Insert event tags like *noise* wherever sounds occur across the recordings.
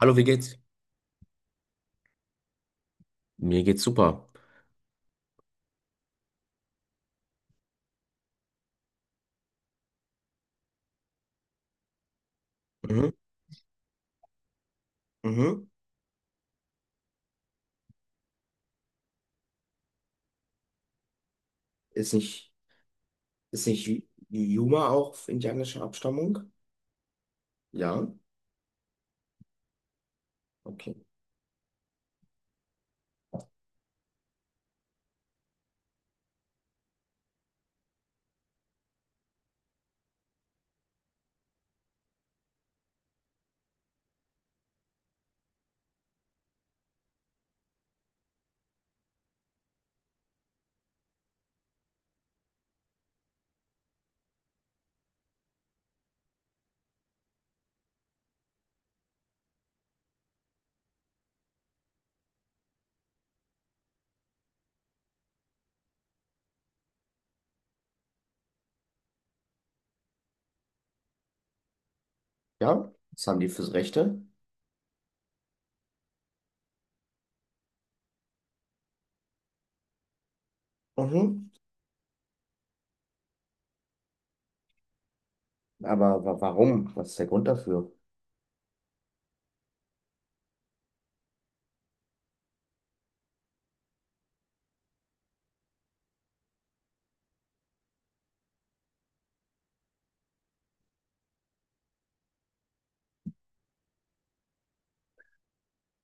Hallo, wie geht's? Mir geht's super. Mhm, mhm. Ist nicht, ist nicht Yu- Yuma auch indianischer Abstammung? Ja, okay. Ja, was haben die fürs Rechte? Mhm. Aber wa warum? Was ist der Grund dafür?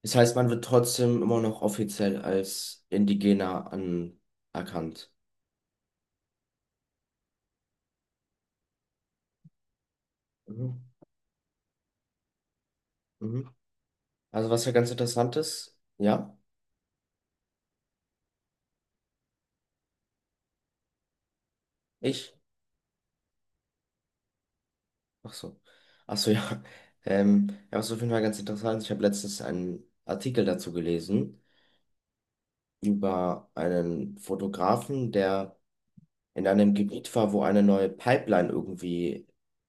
Das heißt, man wird trotzdem immer noch offiziell als Indigener anerkannt. Mhm. Mhm. Also was ja ganz interessant ist, ja, ich, ach so, ach so, ja, *laughs* ja, was auf jeden Fall ganz interessant ist, ich habe letztens einen Artikel dazu gelesen über einen Fotografen, der in einem Gebiet war, wo eine neue Pipeline irgendwie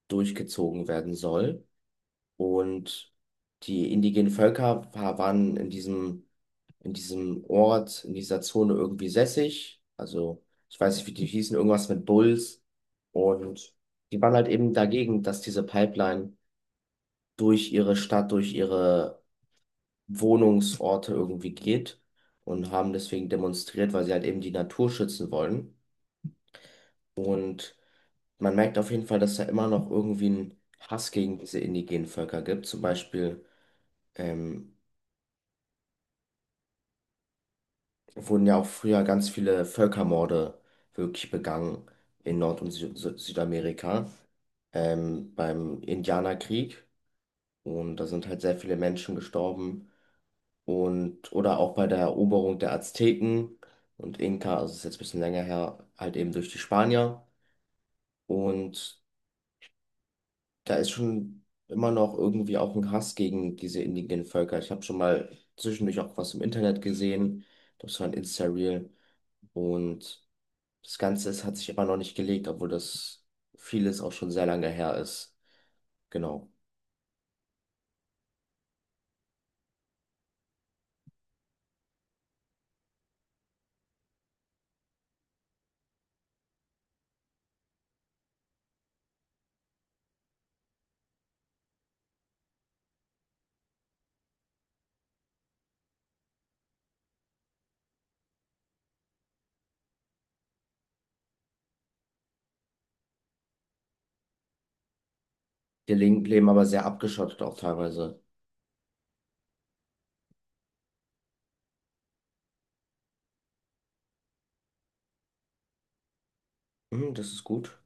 durchgezogen werden soll. Und die indigenen Völker waren in diesem Ort, in dieser Zone irgendwie sässig. Also ich weiß nicht, wie die hießen, irgendwas mit Bulls. Und die waren halt eben dagegen, dass diese Pipeline durch ihre Stadt, durch ihre Wohnungsorte irgendwie geht und haben deswegen demonstriert, weil sie halt eben die Natur schützen wollen. Und man merkt auf jeden Fall, dass da immer noch irgendwie ein Hass gegen diese indigenen Völker gibt. Zum Beispiel ähm, wurden ja auch früher ganz viele Völkermorde wirklich begangen in Nord- und Sü Sü Südamerika, beim Indianerkrieg. Und da sind halt sehr viele Menschen gestorben, und oder auch bei der Eroberung der Azteken und Inka, also ist jetzt ein bisschen länger her, halt eben durch die Spanier. Und da ist schon immer noch irgendwie auch ein Hass gegen diese indigenen Völker. Ich habe schon mal zwischendurch auch was im Internet gesehen, das war ein Insta-Reel und das Ganze hat sich immer noch nicht gelegt, obwohl das vieles auch schon sehr lange her ist. Genau. Die Linken leben aber sehr abgeschottet auch teilweise. Mhm, das ist gut,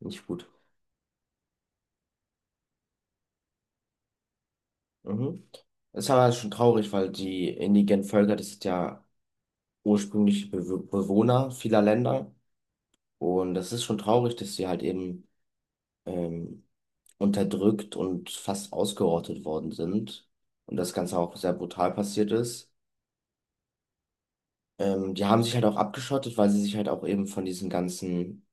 nicht gut. Mhm. Das ist aber schon traurig, weil die indigenen Völker, das sind ja ursprüngliche Be Bewohner vieler Länder. Und das ist schon traurig, dass sie halt eben ähm, unterdrückt und fast ausgerottet worden sind. Und das Ganze auch sehr brutal passiert ist. Die haben sich halt auch abgeschottet, weil sie sich halt auch eben von diesen ganzen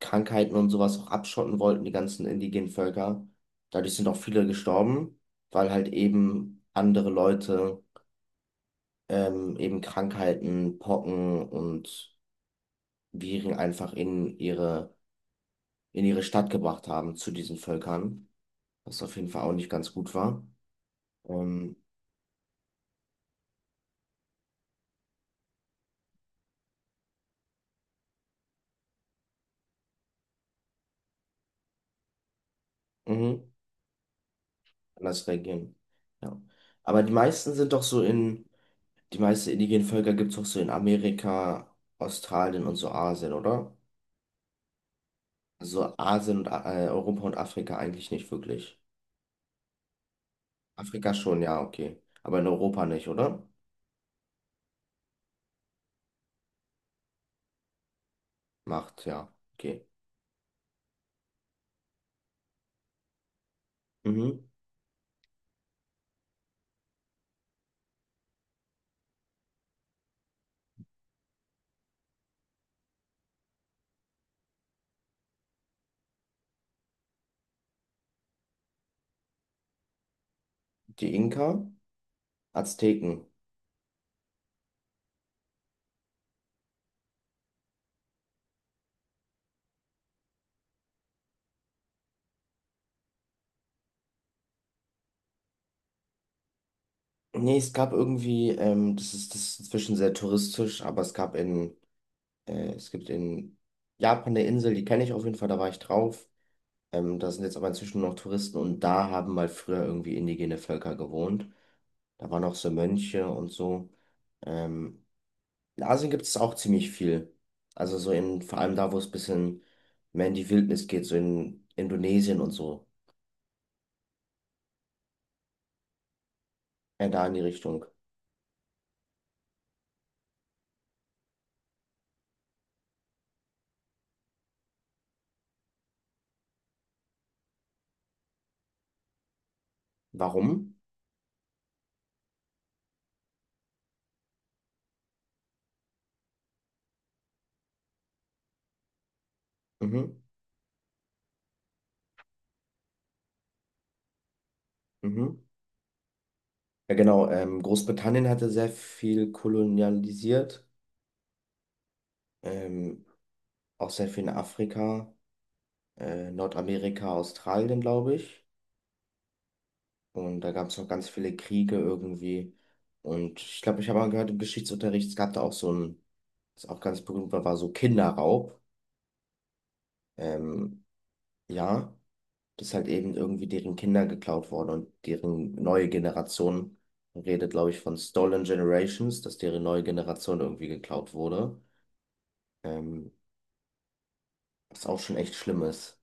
Krankheiten und sowas auch abschotten wollten, die ganzen indigenen Völker. Dadurch sind auch viele gestorben, weil halt eben andere Leute eben Krankheiten, Pocken und Viren einfach in ihre Stadt gebracht haben zu diesen Völkern, was auf jeden Fall auch nicht ganz gut war. Ähm, mhm, anders reagieren. Ja. Aber die meisten sind doch so in, die meisten indigenen Völker gibt es doch so in Amerika, Australien und so Asien, oder? So Asien und Europa und Afrika eigentlich nicht wirklich. Afrika schon, ja, okay. Aber in Europa nicht, oder? Macht, ja, okay. Mhm. Die Inka? Azteken. Nee, es gab irgendwie, das ist inzwischen sehr touristisch, aber es gibt in Japan eine Insel, die kenne ich auf jeden Fall, da war ich drauf. Da sind jetzt aber inzwischen noch Touristen und da haben mal früher irgendwie indigene Völker gewohnt. Da waren auch so Mönche und so. Ähm, in Asien gibt es auch ziemlich viel. Also so in, vor allem da, wo es ein bisschen mehr in die Wildnis geht, so in Indonesien und so. Da in die Richtung. Warum? Mhm, mhm. Ja, genau. Großbritannien hatte sehr viel kolonialisiert, ähm, auch sehr viel in Afrika, Nordamerika, Australien, glaube ich. Und da gab es noch ganz viele Kriege irgendwie. Und ich glaube, ich habe mal gehört, im Geschichtsunterricht, es gab da auch so ein, was auch ganz berühmt war, war so Kinderraub. Ähm, ja, das ist halt eben irgendwie deren Kinder geklaut worden und deren neue Generation, man redet, glaube ich, von Stolen Generations, dass deren neue Generation irgendwie geklaut wurde. Ähm, Was auch schon echt schlimm ist.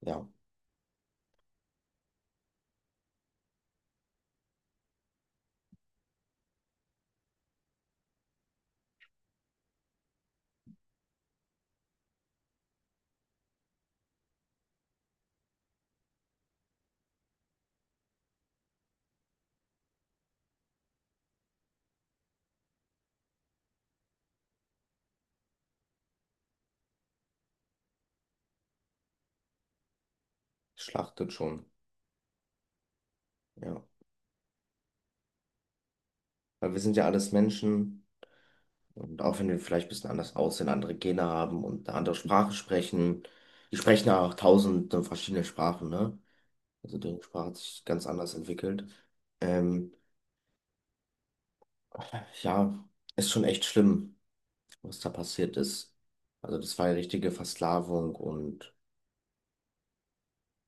Ja, schlachtet schon. Ja. Weil wir sind ja alles Menschen und auch wenn wir vielleicht ein bisschen anders aussehen, andere Gene haben und eine andere Sprache sprechen, die sprechen ja auch tausende verschiedene Sprachen, ne? Also die Sprache hat sich ganz anders entwickelt. Ähm, ja, ist schon echt schlimm, was da passiert ist. Also das war ja richtige Versklavung und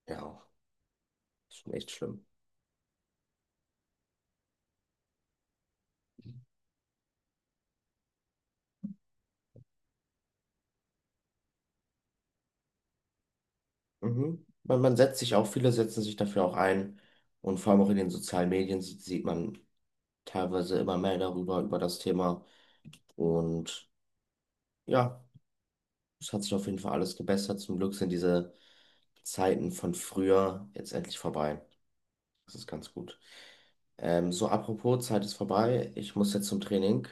ja, ist schon echt schlimm. Mhm. Man setzt sich auch, viele setzen sich dafür auch ein. Und vor allem auch in den sozialen Medien sieht man teilweise immer mehr darüber, über das Thema. Und ja, es hat sich auf jeden Fall alles gebessert. Zum Glück sind diese Zeiten von früher jetzt endlich vorbei. Das ist ganz gut. So, apropos, Zeit ist vorbei. Ich muss jetzt zum Training.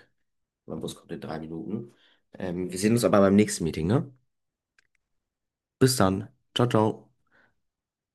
Mein Bus kommt in 3 Minuten. Wir sehen uns aber beim nächsten Meeting, ne? Bis dann. Ciao, ciao.